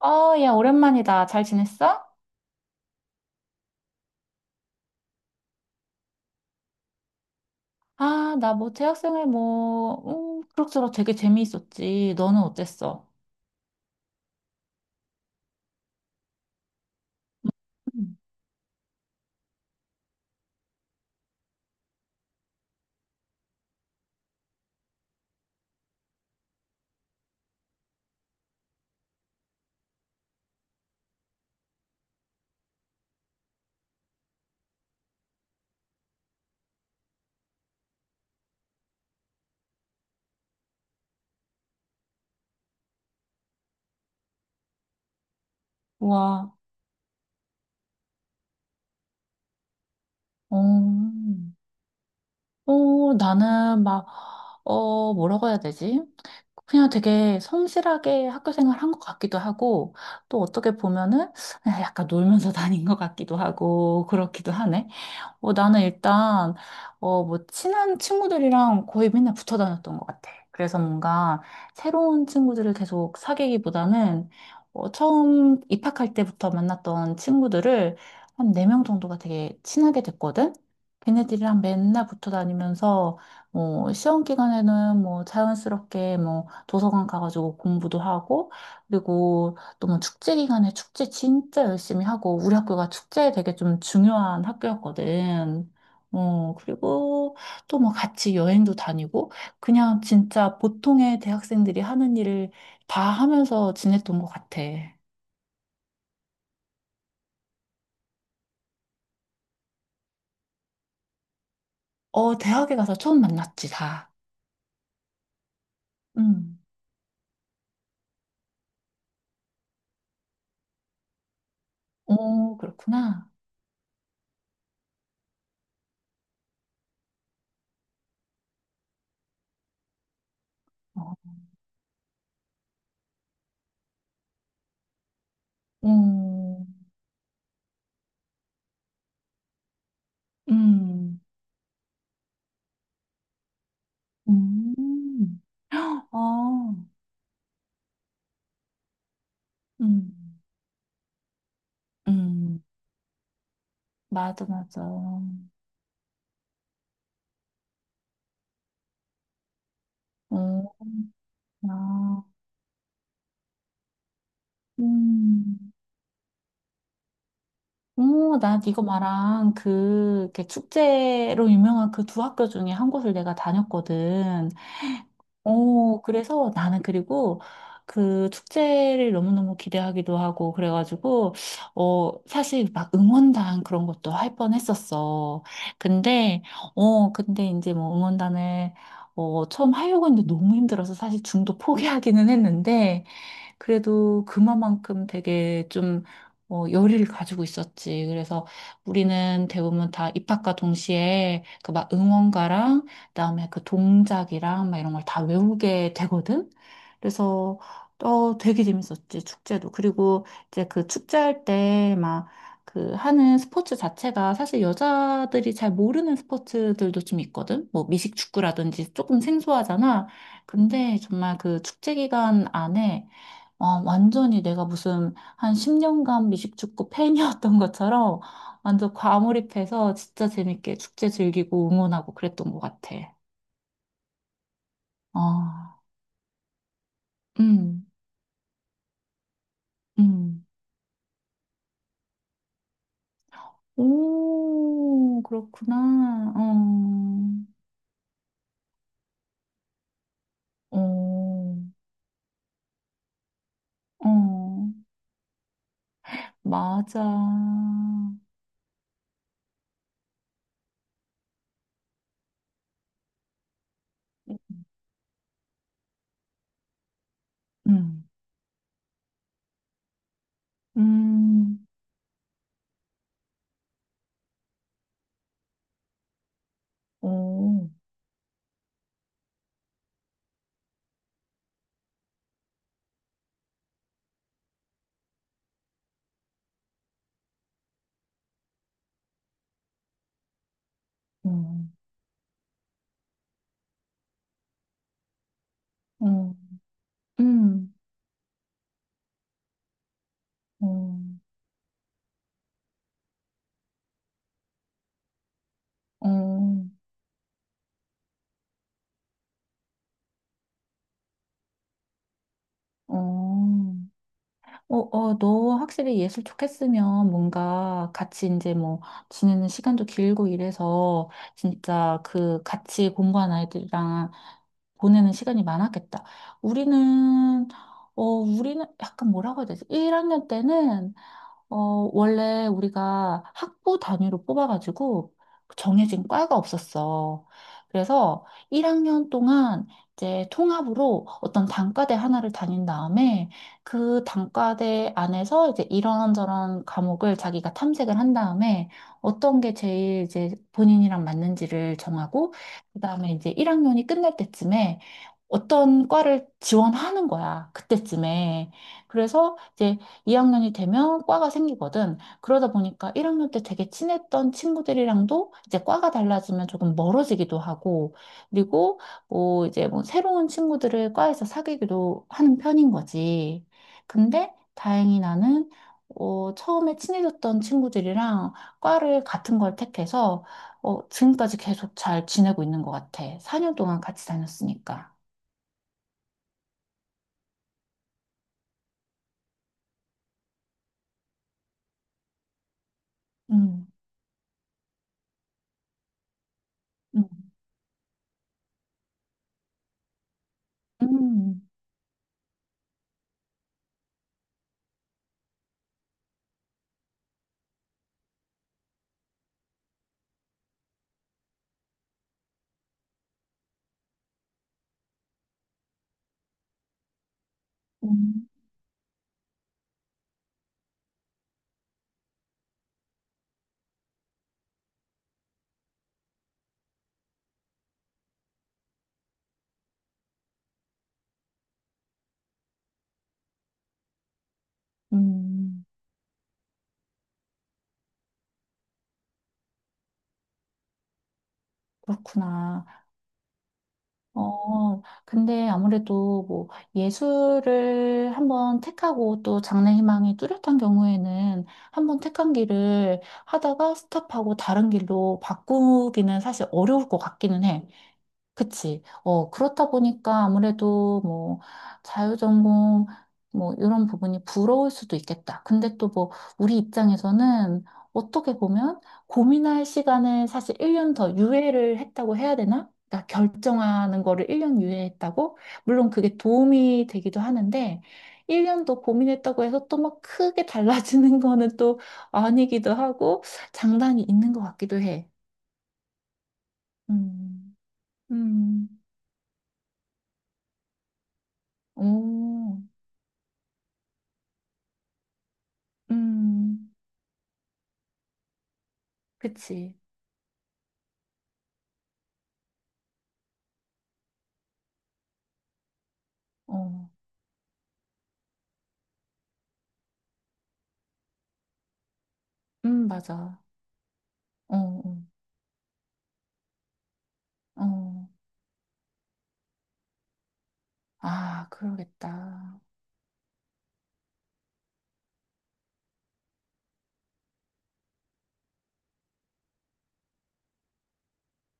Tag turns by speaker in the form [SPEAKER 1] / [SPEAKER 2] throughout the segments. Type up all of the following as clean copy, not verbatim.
[SPEAKER 1] 아, 야, 오랜만이다. 잘 지냈어? 나 뭐 대학생활 뭐, 그럭저럭 되게 재미있었지. 너는 어땠어? 음. 와. 어, 나는 막, 뭐라고 해야 되지? 그냥 되게 성실하게 학교 생활 한 것 같기도 하고, 또 어떻게 보면은 그냥 약간 놀면서 다닌 것 같기도 하고, 그렇기도 하네. 나는 일단, 뭐, 친한 친구들이랑 거의 맨날 붙어 다녔던 것 같아. 그래서 뭔가 새로운 친구들을 계속 사귀기보다는, 처음 입학할 때부터 만났던 친구들을 한 네 명 정도가 되게 친하게 됐거든? 걔네들이랑 맨날 붙어 다니면서, 뭐, 시험 기간에는 뭐, 자연스럽게 뭐, 도서관 가가지고 공부도 하고, 그리고 또 뭐 축제 기간에 축제 진짜 열심히 하고 우리 학교가 축제에 되게 좀 중요한 학교였거든. 그리고 또 뭐 같이 여행도 다니고 그냥 진짜 보통의 대학생들이 하는 일을 다 하면서 지냈던 것 같아. 대학에 가서 처음 만났지, 다. 음. 어, 그렇구나. 어. 음. 음. 음. 어. 음. 음. 맞아, 맞아. 어. 아. 음, 오, 나 이거 말한 그, 이렇게 축제로 유명한 그 두 학교 중에 한 곳을 내가 다녔거든. 오, 그래서 나는 그리고 그 축제를 너무너무 기대하기도 하고, 그래가지고, 사실 막 응원단 그런 것도 할 뻔했었어. 근데, 근데 이제 뭐 응원단을, 처음 하려고 했는데 너무 힘들어서 사실 중도 포기하기는 했는데, 그래도 그만큼 되게 좀, 열의를 가지고 있었지. 그래서 우리는 대부분 다 입학과 동시에 그 막 응원가랑 그다음에 그 동작이랑 막 이런 걸 다 외우게 되거든. 그래서 어, 되게 재밌었지, 축제도. 그리고 이제 그 축제할 때 막 그 하는 스포츠 자체가 사실 여자들이 잘 모르는 스포츠들도 좀 있거든. 뭐 미식축구라든지 조금 생소하잖아. 근데 정말 그 축제 기간 안에 아, 완전히 내가 무슨 한 10년간 미식축구 팬이었던 것처럼 완전 과몰입해서 진짜 재밌게 축제 즐기고 응원하고 그랬던 것 같아. 아, 음, 음. 오, 그렇구나. 어, 어, 어, 맞아. 음, 음, 오, 어, 어, 음, 어, 어, 어. 너 확실히 예술 좋겠으면 뭔가 같이 이제 뭐 지내는 시간도 길고 이래서 진짜 그 같이 공부한 아이들이랑 보내는 시간이 많았겠다. 우리는, 우리는 약간 뭐라고 해야 되지? 1학년 때는 어, 원래 우리가 학부 단위로 뽑아가지고 정해진 과가 없었어. 그래서 1학년 동안 이제 통합으로 어떤 단과대 하나를 다닌 다음에 그 단과대 안에서 이제 이런저런 과목을 자기가 탐색을 한 다음에 어떤 게 제일 이제 본인이랑 맞는지를 정하고 그다음에 이제 1학년이 끝날 때쯤에 어떤 과를 지원하는 거야. 그때쯤에. 그래서 이제 2학년이 되면 과가 생기거든. 그러다 보니까 1학년 때 되게 친했던 친구들이랑도 이제 과가 달라지면 조금 멀어지기도 하고, 그리고 뭐 이제 뭐 새로운 친구들을 과에서 사귀기도 하는 편인 거지. 근데 다행히 나는 처음에 친해졌던 친구들이랑 과를 같은 걸 택해서 지금까지 계속 잘 지내고 있는 것 같아. 4년 동안 같이 다녔으니까. 음, 음, 음, 음, 음. 그렇구나. 어, 근데 아무래도 뭐 예술을 한번 택하고 또 장래희망이 뚜렷한 경우에는 한번 택한 길을 하다가 스탑하고 다른 길로 바꾸기는 사실 어려울 것 같기는 해. 그치. 어, 그렇다 보니까 아무래도 뭐 자유전공 뭐 이런 부분이 부러울 수도 있겠다. 근데 또 뭐 우리 입장에서는 어떻게 보면 고민할 시간을 사실 1년 더 유예를 했다고 해야 되나? 그러니까 결정하는 거를 1년 유예했다고? 물론 그게 도움이 되기도 하는데 1년 더 고민했다고 해서 또 막 크게 달라지는 거는 또 아니기도 하고 장단이 있는 것 같기도 해. 음. 음. 오. 음, 그치. 어, 맞아. 어, 어, 어. 아, 그러겠다.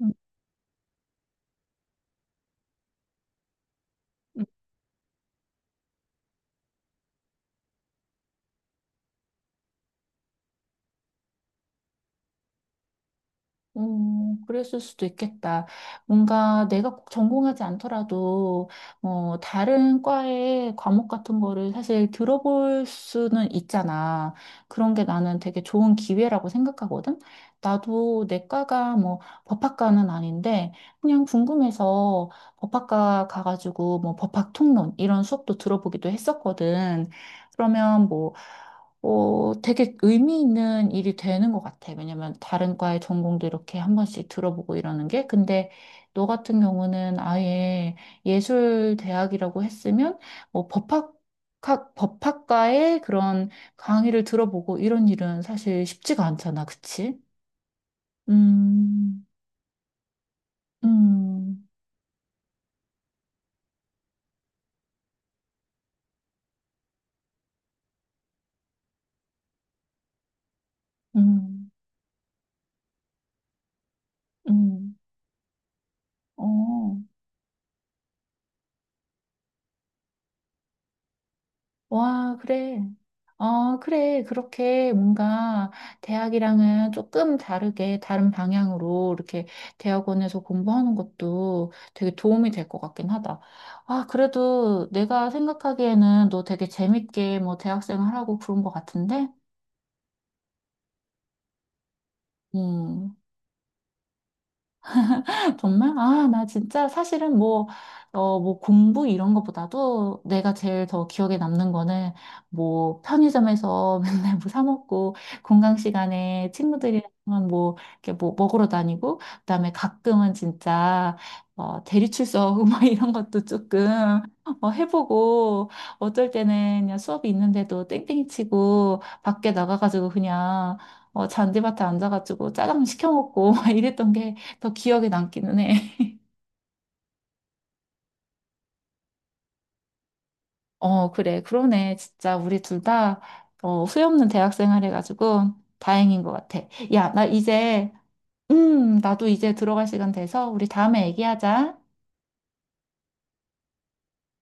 [SPEAKER 1] 음. 그랬을 수도 있겠다. 뭔가 내가 꼭 전공하지 않더라도, 다른 과의 과목 같은 거를 사실 들어볼 수는 있잖아. 그런 게 나는 되게 좋은 기회라고 생각하거든? 나도 내 과가 뭐 법학과는 아닌데, 그냥 궁금해서 법학과 가가지고 뭐 법학 통론 이런 수업도 들어보기도 했었거든. 그러면 뭐, 되게 의미 있는 일이 되는 것 같아. 왜냐면 다른 과의 전공도 이렇게 한 번씩 들어보고 이러는 게. 근데 너 같은 경우는 아예 예술대학이라고 했으면 뭐 법학과의 그런 강의를 들어보고 이런 일은 사실 쉽지가 않잖아. 그치? 음, 음, 음, 음, 어. 와, 그래. 어, 그래. 그렇게 뭔가 대학이랑은 조금 다르게 다른 방향으로 이렇게 대학원에서 공부하는 것도 되게 도움이 될 것 같긴 하다. 아, 그래도 내가 생각하기에는 너 되게 재밌게 뭐 대학생활 하고 그런 것 같은데? 음. 정말? 아, 나 진짜 사실은 뭐, 뭐 공부 이런 것보다도 내가 제일 더 기억에 남는 거는 뭐 편의점에서 맨날 뭐 사 먹고 공강 시간에 친구들이랑 뭐 이렇게 뭐 먹으러 다니고 그다음에 가끔은 진짜 대리출석 뭐 이런 것도 조금 해보고 어쩔 때는 그냥 수업이 있는데도 땡땡이 치고 밖에 나가가지고 그냥 잔디밭에 앉아가지고 짜장 시켜 먹고 막 이랬던 게 더 기억에 남기는 해. 어, 그래. 그러네. 진짜 우리 둘 다, 후회 없는 대학생활 해가지고 다행인 것 같아. 야, 나도 이제 들어갈 시간 돼서 우리 다음에 얘기하자.